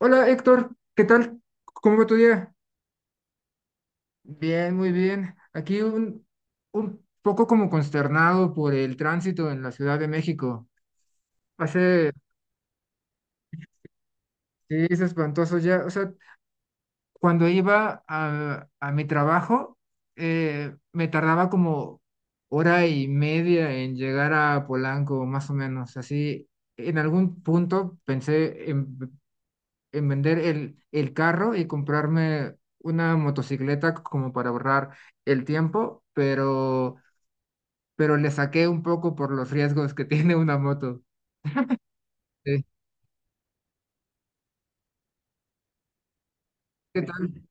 Hola Héctor, ¿qué tal? ¿Cómo va tu día? Bien, muy bien. Aquí un poco como consternado por el tránsito en la Ciudad de México. Hace, sí, es espantoso ya. O sea, cuando iba a mi trabajo, me tardaba como hora y media en llegar a Polanco, más o menos. Así, en algún punto pensé en vender el carro y comprarme una motocicleta como para ahorrar el tiempo, pero le saqué un poco por los riesgos que tiene una moto. Sí. ¿Qué tal?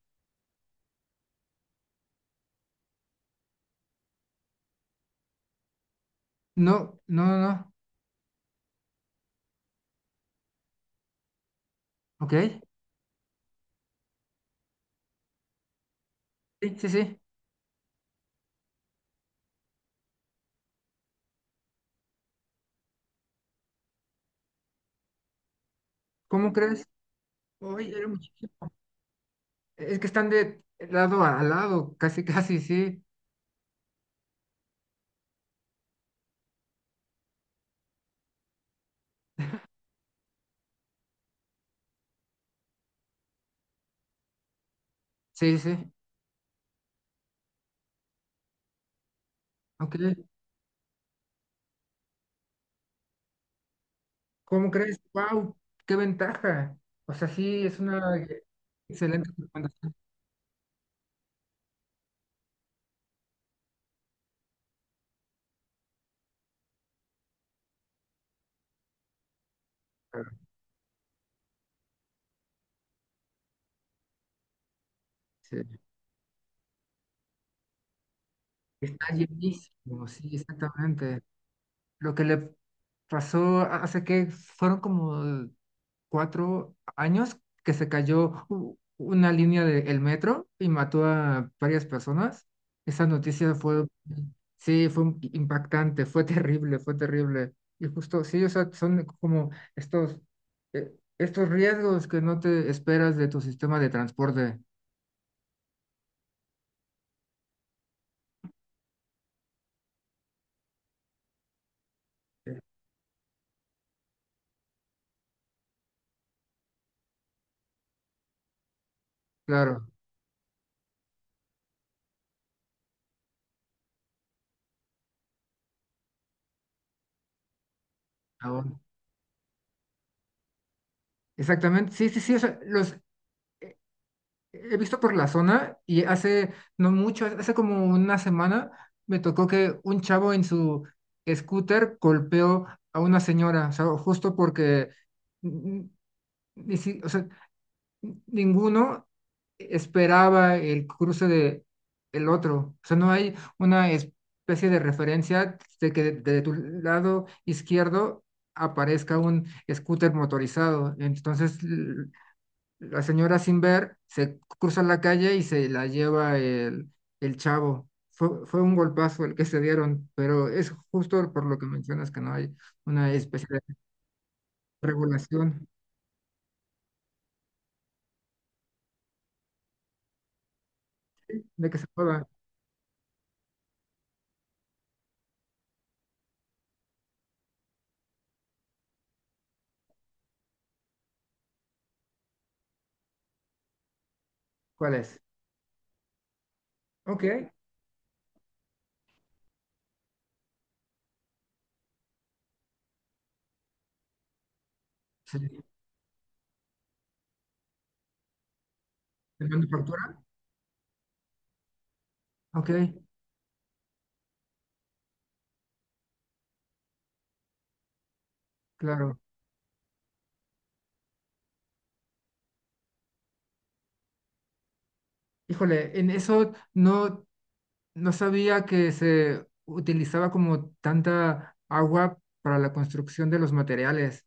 No, no, no, no. Ok. Sí, sí, sí. ¿Cómo crees? Uy, era muchísimo. Es que están de lado a lado, casi, casi, sí. Sí, sí. Ok. ¿Cómo crees? ¡Wow! ¡Qué ventaja! O sea, sí, es una excelente recomendación. Sí. Está llenísimo, sí, exactamente. Lo que le hace que fueron como 4 años que se cayó una línea del metro y mató a varias personas. Esa noticia fue, sí, fue impactante, fue terrible, fue terrible. Y justo, sí, o sea, son como estos, eh, estos riesgos que no te esperas de tu sistema de transporte, claro. Ahora. Exactamente, sí, sí, sí, o sea, los he visto por la zona y hace no mucho, hace como una semana, me tocó que un chavo en su scooter golpeó a una señora, o sea, justo porque mm, ni si- o sea, ninguno esperaba el cruce de el otro. O sea, no hay una especie de referencia de de tu lado izquierdo aparezca un scooter motorizado. Entonces, la señora sin ver se cruza la calle y se la lleva el chavo. Fue un golpazo el que se dieron, pero es justo por lo que mencionas que no hay una especie de regulación de que se pueda. ¿Cuál es? Ok. Sí. ¿De manufactura? Ok, claro. Híjole, en eso no sabía que se utilizaba como tanta agua para la construcción de los materiales.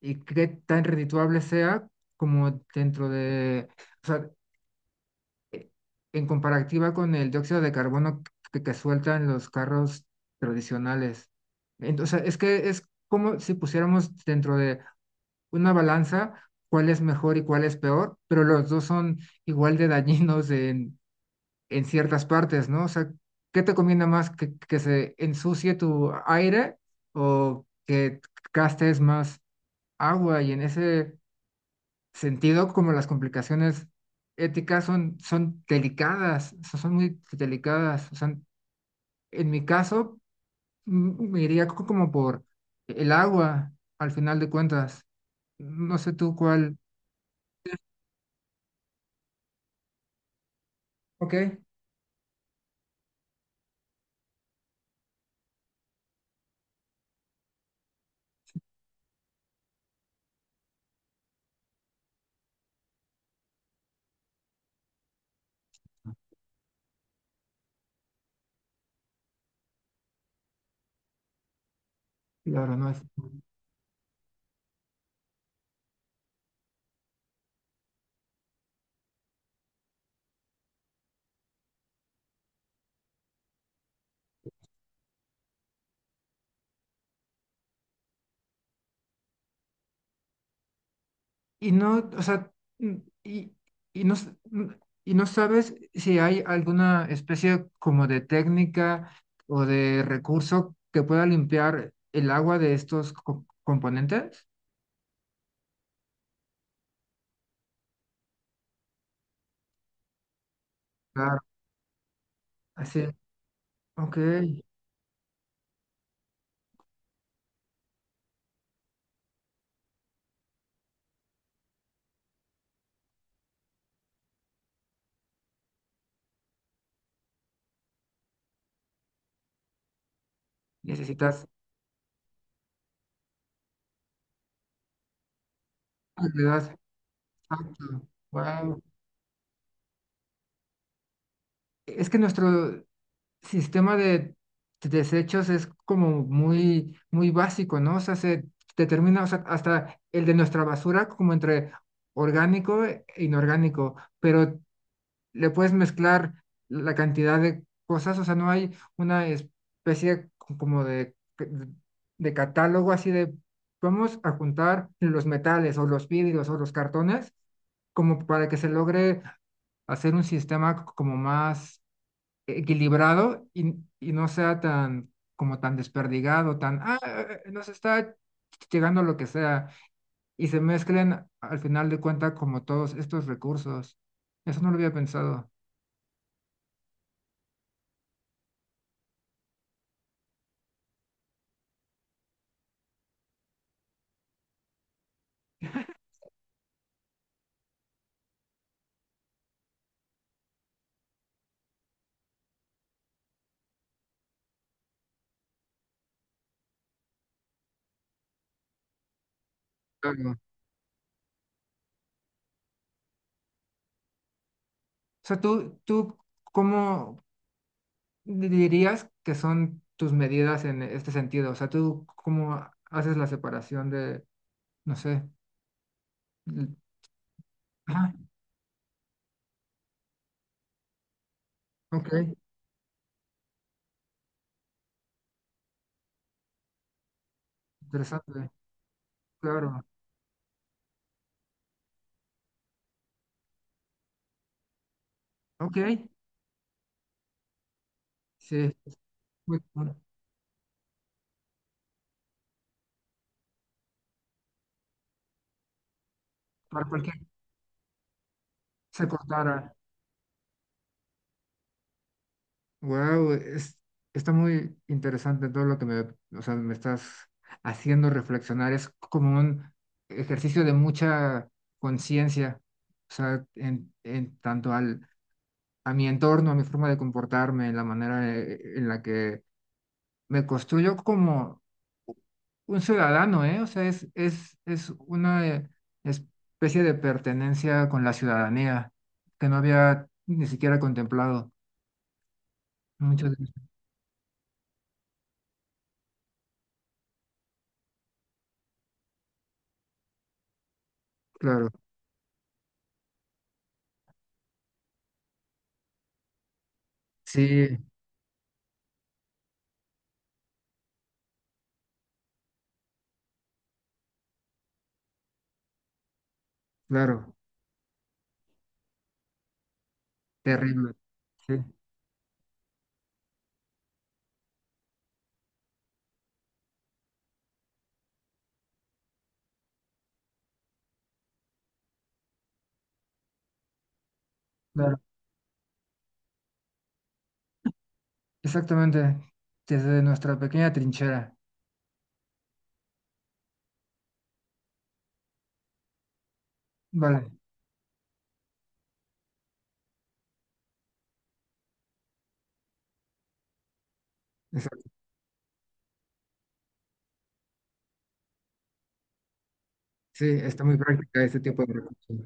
Y qué tan redituable sea como o sea, e- en comparativa con el dióxido de carbono que sueltan los carros tradicionales. Entonces, es como si pusiéramos dentro de una balanza cuál es mejor y cuál es peor, pero los dos son igual de dañinos en ciertas partes, ¿no? O sea, ¿qué te conviene más que se ensucie tu aire o que gastes más agua? Y en ese sentido como las complicaciones éticas son delicadas, o sea, son muy delicadas. O sea, en mi caso, me iría como por el agua, al final de cuentas. No sé tú cuál. Ok. Y ahora no es. Y no, o sea, mm, y, y no, s- mm, y no sabes si hay alguna especie como de técnica o de recurso que pueda limpiar el agua de estos componentes. Claro, así. Ok, necesitas agregar. Exacto. Wow. Es que nuestro sistema de desechos es como muy, muy básico, ¿no? O sea, se determina, o sea, hasta el de nuestra basura como entre orgánico e inorgánico, pero le puedes mezclar la cantidad de cosas, o sea, no hay una especie como de catálogo así de, vamos a juntar los metales o los vidrios o los cartones como para que se logre hacer un sistema como más equilibrado y no sea tan como tan desperdigado, nos está llegando lo que sea, y se mezclen al final de cuenta como todos estos recursos. Eso no lo había pensado. Claro. O sea, ¿cómo dirías que son tus medidas en este sentido? O sea, tú, ¿cómo haces la separación de, no sé, l- ah, ok, interesante, claro, ok, sí, es muy bueno, para cualquier se cortara. Wow, está muy interesante todo lo que me, o sea, me estás haciendo reflexionar. Es como un ejercicio de mucha conciencia, o sea, en tanto al a mi entorno, a mi forma de comportarme, la manera en la que me construyo como un ciudadano, ¿eh? O sea, es una especie de pertenencia con la ciudadanía que no había ni siquiera contemplado. Muchas veces. Claro, sí, claro, terrible, sí, claro, exactamente, desde nuestra pequeña trinchera. Vale, exacto. Sí, está muy práctica este tipo de recursos.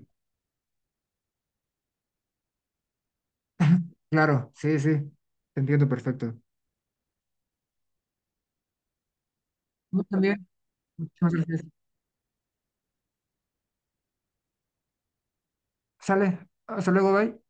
Claro, sí, sí, te entiendo perfecto. Muy también, muchas gracias. Sale, hasta luego, bye.